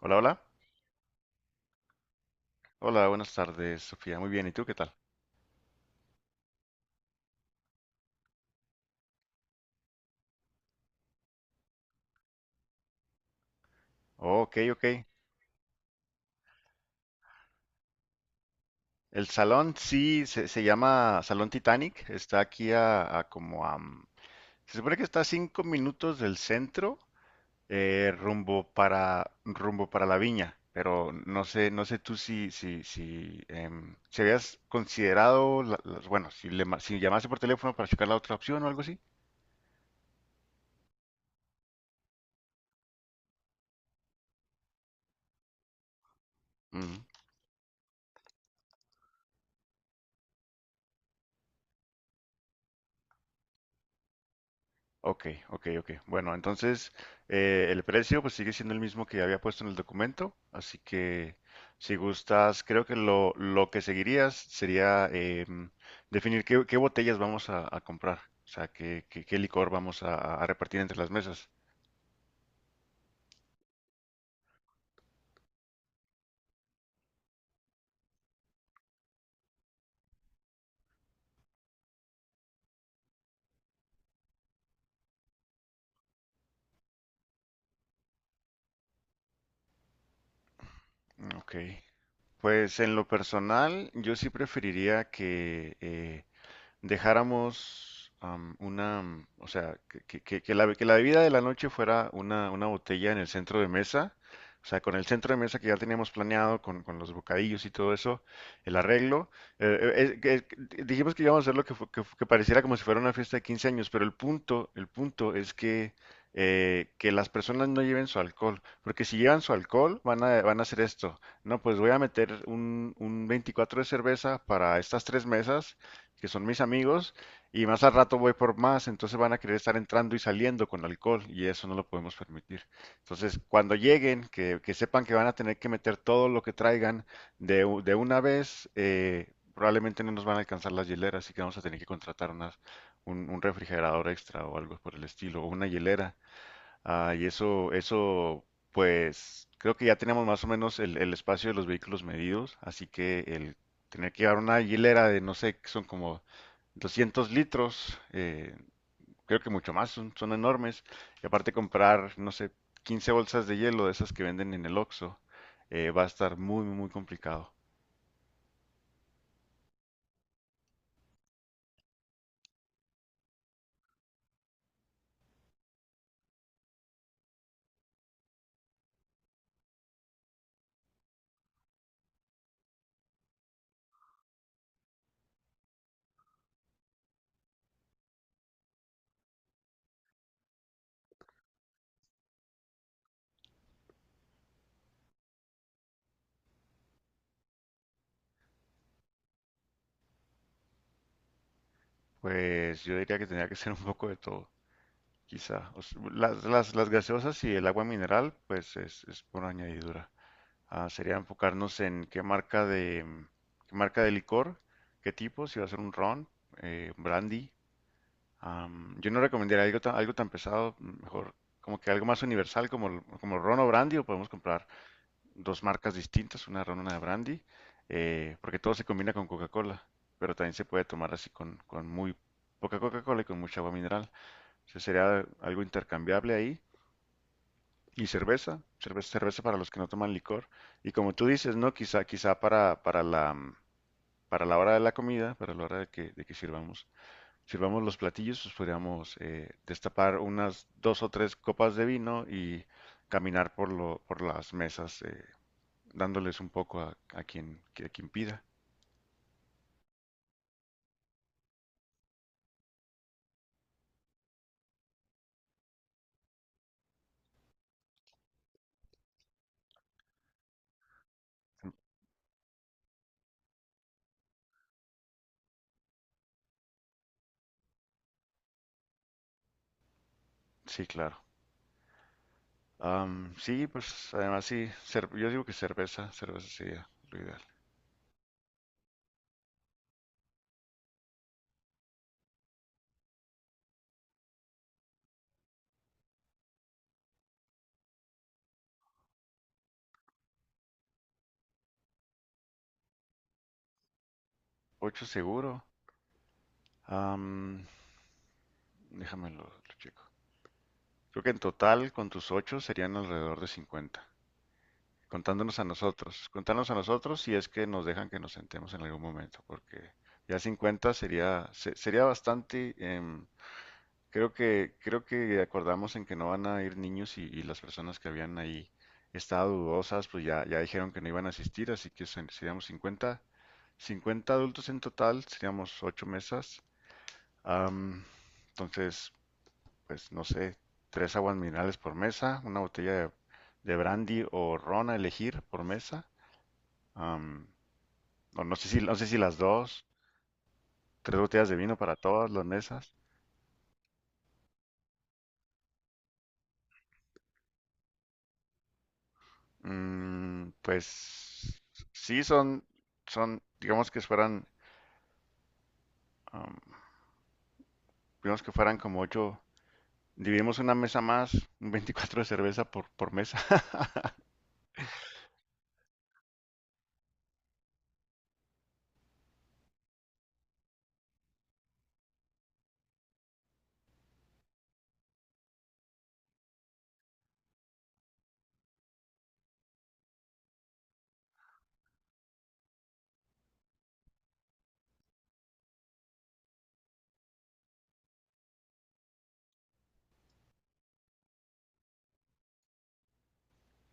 Hola, hola. Hola, buenas tardes, Sofía. Muy bien, ¿y tú qué tal? Oh, ok, ok. El salón sí se llama Salón Titanic. Está aquí a como a... mm, Se supone que está a 5 minutos del centro, rumbo para la viña. Pero no sé tú si habías considerado, bueno, si llamase por teléfono para checar la otra opción o algo así. Mm. Ok, ok, ok. Bueno, entonces el precio pues sigue siendo el mismo que había puesto en el documento, así que si gustas, creo que lo que seguirías sería definir qué botellas vamos a comprar, o sea, qué licor vamos a repartir entre las mesas. Ok. Pues en lo personal, yo sí preferiría que dejáramos, o sea, que la bebida de la noche fuera una botella en el centro de mesa, o sea, con el centro de mesa que ya teníamos planeado, con los bocadillos y todo eso, el arreglo. eh, eh, eh, que- Dijimos que íbamos a hacer lo que, fu- que, fu- que pareciera como si fuera una fiesta de 15 años, pero el punto es que las personas no lleven su alcohol, porque si llevan su alcohol van a hacer esto. No, pues voy a meter un 24 de cerveza para estas tres mesas que son mis amigos, y más al rato voy por más, entonces van a querer estar entrando y saliendo con alcohol, y eso no lo podemos permitir. Entonces, cuando lleguen, que sepan que van a tener que meter todo lo que traigan de una vez, probablemente no nos van a alcanzar las hieleras, así que vamos a tener que contratar unas, un refrigerador extra o algo por el estilo, o una hielera. Ah, y pues creo que ya tenemos más o menos el espacio de los vehículos medidos, así que el tener que llevar una hilera de, no sé, que son como 200 litros, creo que mucho más, son enormes. Y aparte comprar, no sé, 15 bolsas de hielo de esas que venden en el Oxxo, va a estar muy, muy, muy complicado. Pues yo diría que tendría que ser un poco de todo, quizá. O s- las gaseosas y el agua mineral, pues es por añadidura. Ah, sería enfocarnos en qué marca de licor, qué tipo, si va a ser un ron, un brandy. Yo no recomendaría algo tan pesado, mejor como que algo más universal como el ron o brandy, o podemos comprar dos marcas distintas, una de ron, una de brandy, porque todo se combina con Coca-Cola, pero también se puede tomar así con muy poca Coca-Cola y con mucha agua mineral. O sea, sería algo intercambiable ahí. Y cerveza, cerveza, cerveza para los que no toman licor. Y como tú dices, ¿no? Quizá para la hora de la comida, para la hora de que sirvamos, sirvamos los platillos, pues podríamos destapar unas dos o tres copas de vino y caminar por las mesas, dándoles un poco a quien, a quien pida. Sí, claro. Sí, pues además sí, yo digo que cerveza sería lo ideal. Ocho seguro. Am, Déjamelo, lo checo. Creo que en total con tus ocho serían alrededor de 50, contándonos a nosotros. Contándonos a nosotros si es que nos dejan que nos sentemos en algún momento, porque ya 50 sería, sería bastante. Creo que acordamos en que no van a ir niños y las personas que habían ahí estado dudosas, pues ya dijeron que no iban a asistir, así que seríamos 50, 50 adultos en total, seríamos ocho mesas. Am, entonces, pues no sé, tres aguas minerales por mesa, una botella de brandy o ron a elegir por mesa. am, o no sé si las dos, tres botellas de vino para todas las mesas. Mm, pues sí digamos que fueran, am, digamos que fueran como ocho. Dividimos una mesa más, un 24 de cerveza por mesa.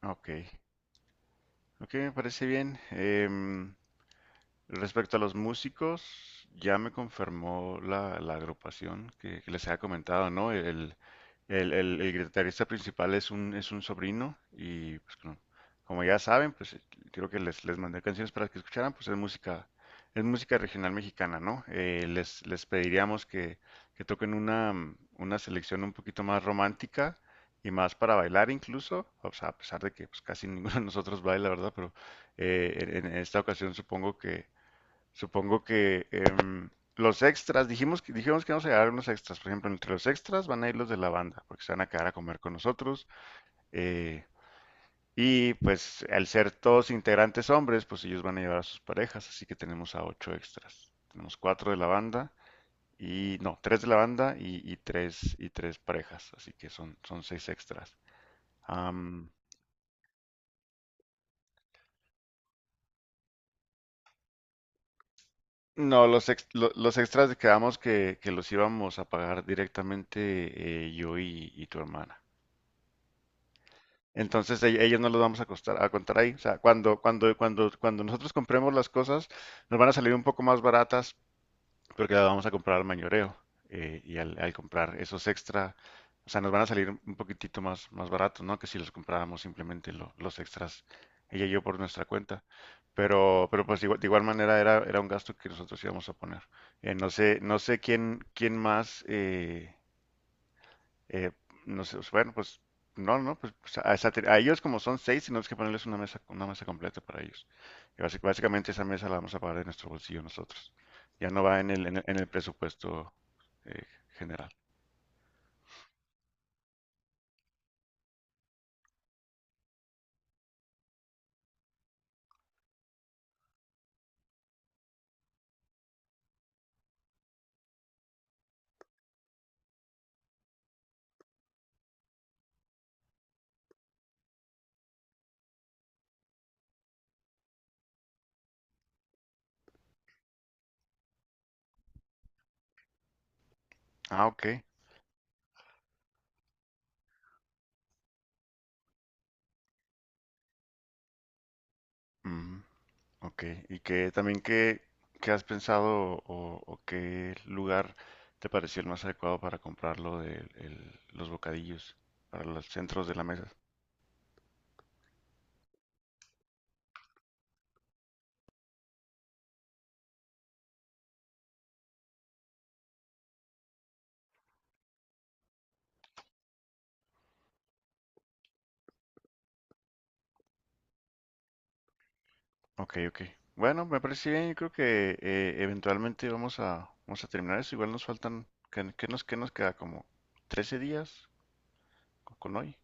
Ok, ok, me parece bien. Respecto a los músicos, ya me confirmó la agrupación que les había comentado, ¿no? El guitarrista principal es un sobrino y pues como, como ya saben, pues creo que les mandé canciones para que escucharan, pues es música regional mexicana, ¿no? Les pediríamos que toquen una selección un poquito más romántica y más para bailar incluso, o sea, a pesar de que pues, casi ninguno de nosotros baila, ¿verdad? Pero en esta ocasión supongo que Supongo que em, los extras, dijimos que vamos a llevar unos extras. Por ejemplo, entre los extras van a ir los de la banda, porque se van a quedar a comer con nosotros. eh, y pues al ser todos integrantes hombres, pues ellos van a llevar a sus parejas, así que tenemos a ocho extras. Tenemos cuatro de la banda y no, tres de la banda y tres y tres parejas, así que son seis extras. Am, no, los extras quedamos que los íbamos a pagar directamente, yo y tu hermana. Entonces ellos no los vamos a contar ahí. O sea, cuando, nosotros compremos las cosas, nos van a salir un poco más baratas porque las vamos a comprar al mayoreo. Y al comprar esos extra, o sea, nos van a salir un poquitito más, más baratos, ¿no? Que si los compráramos simplemente los extras, ella y yo por nuestra cuenta. Pero, pues de igual manera era un gasto que nosotros íbamos a poner. No sé quién más. Eh, no sé, pues, bueno, pues no, no, a ellos como son seis, tenemos que ponerles una mesa completa para ellos. Y básicamente esa mesa la vamos a pagar de nuestro bolsillo nosotros. Ya no va en el, presupuesto, eh, general. Ah, ok. Ujú, ok. Y qué has pensado, o qué lugar te pareció el más adecuado para comprarlo de los bocadillos para los centros de la mesa. Ok, ok. Bueno, me parece bien. Yo creo que eventualmente vamos a terminar eso. Igual nos faltan, ¿qué nos queda? Como 13 días con hoy.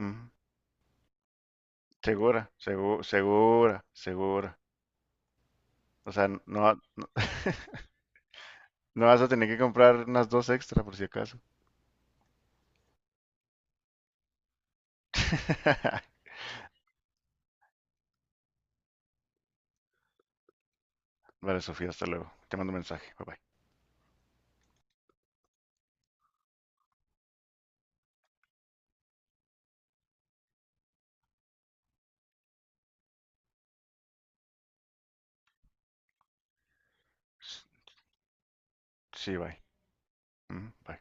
Ujú. Segura, segura. O sea, no, no, no vas a tener que comprar unas dos extra por si acaso. Vale, Sofía, hasta luego. Te mando un mensaje. Bye bye. Sí, bye. Ujú, bye.